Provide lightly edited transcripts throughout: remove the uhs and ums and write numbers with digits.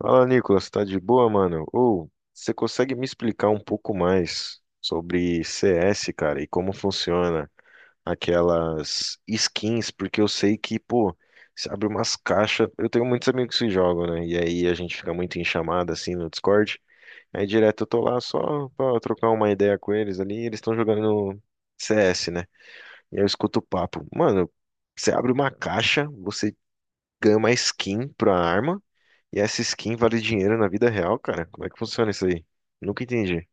Fala, Nicolas, tá de boa, mano? Ou você consegue me explicar um pouco mais sobre CS, cara, e como funciona aquelas skins? Porque eu sei que, pô, você abre umas caixas. Eu tenho muitos amigos que jogam, né? E aí a gente fica muito em chamada assim no Discord. Aí direto eu tô lá só pra trocar uma ideia com eles ali. E eles estão jogando CS, né? E aí eu escuto o papo. Mano, você abre uma caixa, você ganha uma skin pra arma. E essa skin vale dinheiro na vida real, cara? Como é que funciona isso aí? Nunca entendi.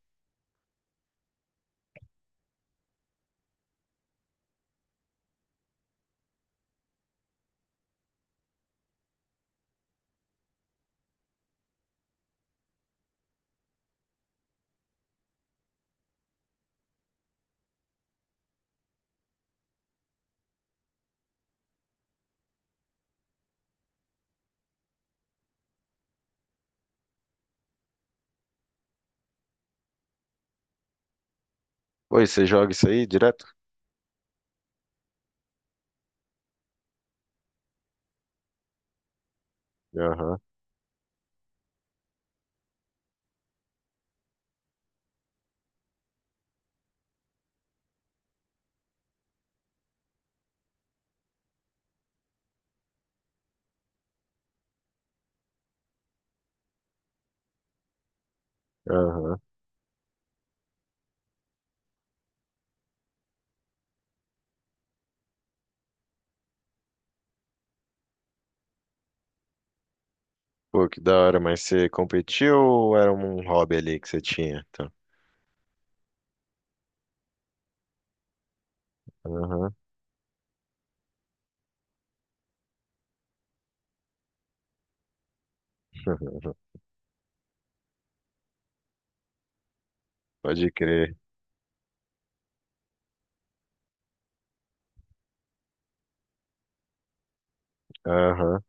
Pô, você joga isso aí direto? Aham, aham. Pô, que da hora, mas você competiu ou era um hobby ali que você tinha? Tá. Aham, Pode crer. Aham.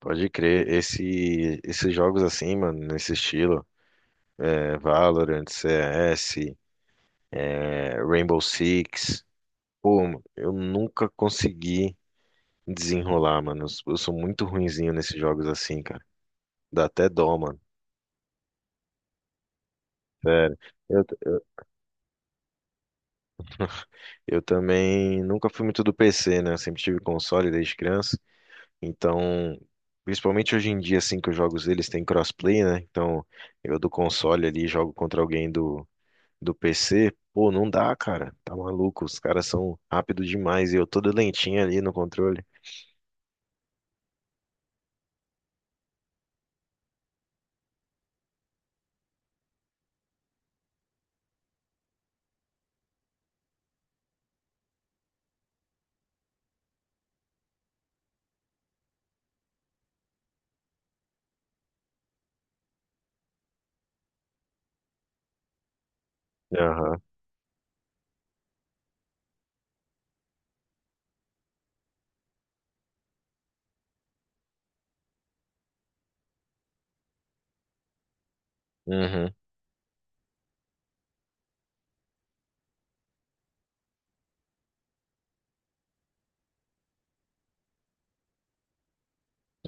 Pode crer. Esses jogos assim, mano, nesse estilo, é, Valorant, CS, é, Rainbow Six. Pô, mano, eu nunca consegui desenrolar, mano. Eu sou muito ruinzinho nesses jogos assim, cara. Dá até dó, mano. Sério. Eu, eu, eu também nunca fui muito do PC, né? Eu sempre tive console desde criança. Então, principalmente hoje em dia, assim, que os jogos deles têm crossplay, né? Então, eu do console ali jogo contra alguém do PC. Pô, não dá, cara. Tá maluco. Os caras são rápidos demais e eu todo lentinho ali no controle. Aham. Uhum.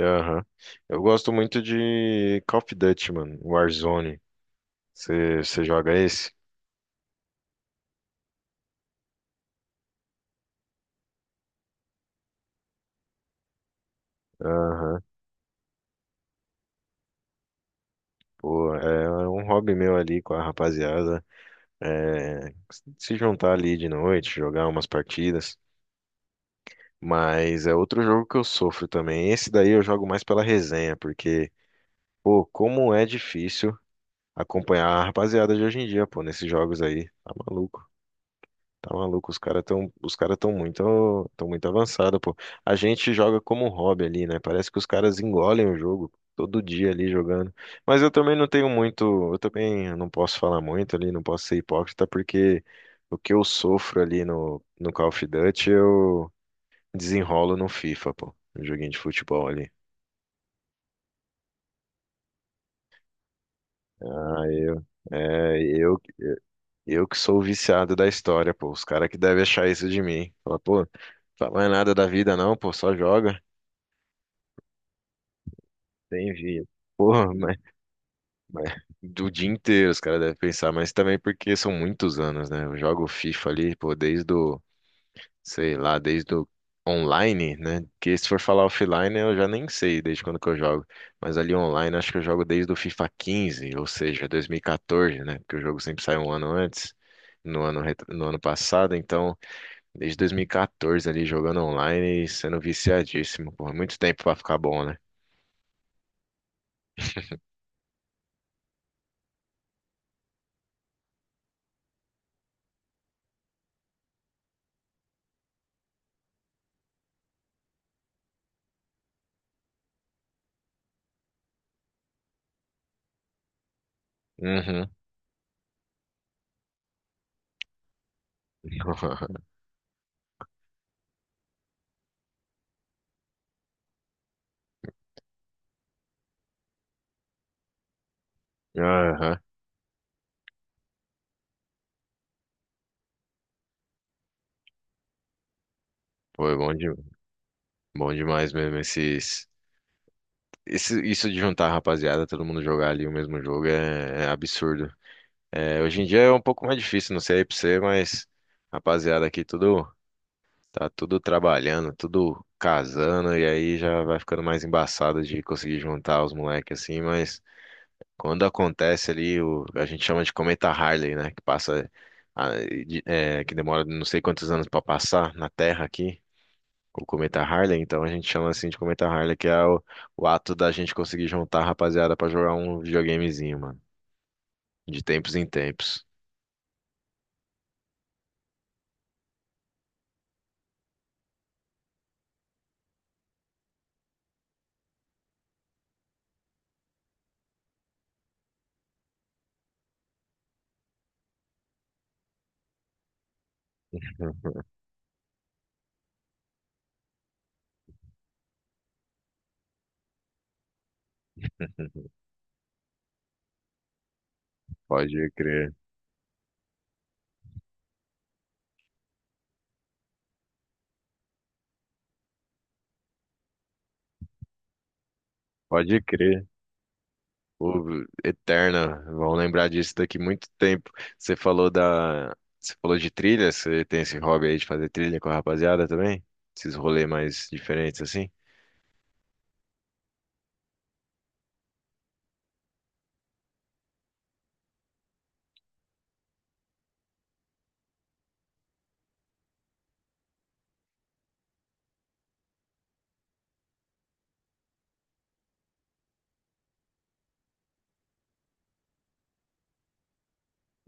Aham. Eu gosto muito de Call of Duty, mano. Warzone. Você joga esse? Aham. Pô, é um hobby meu ali com a rapaziada. É, se juntar ali de noite, jogar umas partidas. Mas é outro jogo que eu sofro também. Esse daí eu jogo mais pela resenha, porque, pô, como é difícil acompanhar a rapaziada de hoje em dia, pô, nesses jogos aí. Tá maluco. Tá maluco, os cara tão muito avançado, pô. A gente joga como um hobby ali, né? Parece que os caras engolem o jogo todo dia ali jogando. Mas eu também não tenho muito, eu também não posso falar muito ali, não posso ser hipócrita, porque o que eu sofro ali no Call of Duty, eu desenrolo no FIFA, pô. No joguinho de futebol ali. Ah, é, eu, eu que sou o viciado da história, pô. Os caras que devem achar isso de mim. Fala, pô, fala mais nada da vida não, pô, só joga. Tem vida. Porra, mas do dia inteiro os caras devem pensar, mas também porque são muitos anos, né? Eu jogo FIFA ali, pô, desde o, sei lá, desde o online, né? Que se for falar offline, eu já nem sei desde quando que eu jogo. Mas ali online, acho que eu jogo desde o FIFA 15, ou seja, 2014, né? Porque o jogo sempre sai um ano antes, no ano passado. Então, desde 2014 ali, jogando online e sendo viciadíssimo, porra, muito tempo pra ficar bom, né? Uhum. Aham. Pô, é bom, bom demais mesmo. Isso de juntar a rapaziada, todo mundo jogar ali o mesmo jogo é absurdo. É, hoje em dia é um pouco mais difícil, não sei aí pra você, mas rapaziada aqui tá tudo trabalhando, tudo casando, e aí já vai ficando mais embaçado de conseguir juntar os moleques assim, mas quando acontece ali, a gente chama de cometa Harley, né? Que passa. Ah, que demora não sei quantos anos pra passar na Terra aqui. O Cometa Harley, então a gente chama assim de Cometa Harley, que é o ato da gente conseguir juntar a rapaziada pra jogar um videogamezinho, mano. De tempos em tempos. Pode crer. Pode crer. O Eterna, vão lembrar disso daqui muito tempo. Você falou da, você falou de trilha, você tem esse hobby aí de fazer trilha com a rapaziada também? Esses rolês mais diferentes assim?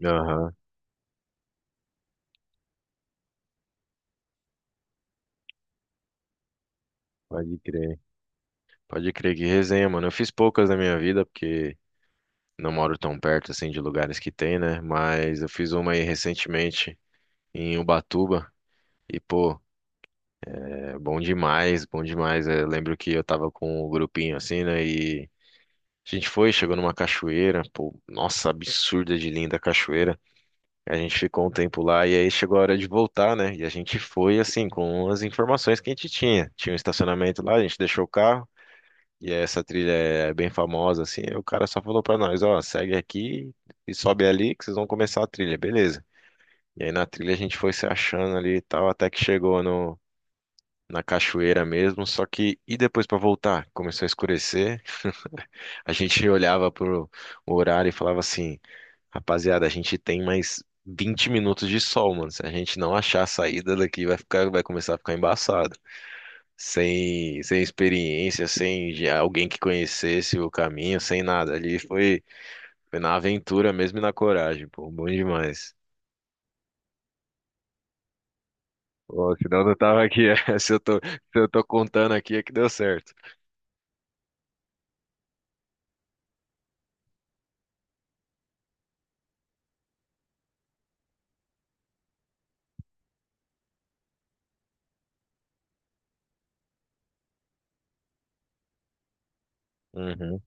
Aham, pode crer. Pode crer que resenha, mano. Eu fiz poucas na minha vida porque não moro tão perto assim de lugares que tem, né? Mas eu fiz uma aí recentemente em Ubatuba e pô, é bom demais, bom demais. Eu lembro que eu tava com um grupinho assim, né? E a gente foi, chegou numa cachoeira, pô, nossa, absurda de linda a cachoeira. A gente ficou um tempo lá e aí chegou a hora de voltar, né? E a gente foi assim com as informações que a gente tinha. Tinha um estacionamento lá, a gente deixou o carro. E essa trilha é bem famosa, assim. Aí o cara só falou pra nós, ó, segue aqui e sobe ali que vocês vão começar a trilha, beleza. E aí na trilha a gente foi se achando ali e tal, até que chegou no, na cachoeira mesmo. Só que, e depois pra voltar? Começou a escurecer. A gente olhava pro horário e falava assim, rapaziada, a gente tem mais 20 minutos de sol, mano. Se a gente não achar a saída daqui, vai ficar, vai começar a ficar embaçado sem experiência, sem já alguém que conhecesse o caminho, sem nada. Ali foi na aventura mesmo e na coragem, pô, bom demais. Pô, senão eu não tava aqui. Se eu tô contando aqui, é que deu certo. Uhum.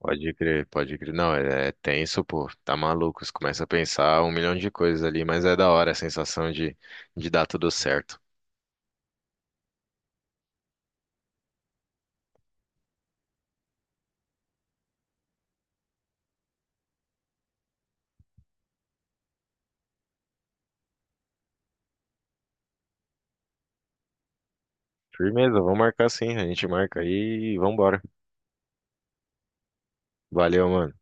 Pode crer, pode crer. Não, é tenso, pô. Tá maluco. Você começa a pensar um milhão de coisas ali, mas é da hora a sensação de dar tudo certo. Firmeza, vamos marcar sim. A gente marca aí e vambora. Valeu, mano.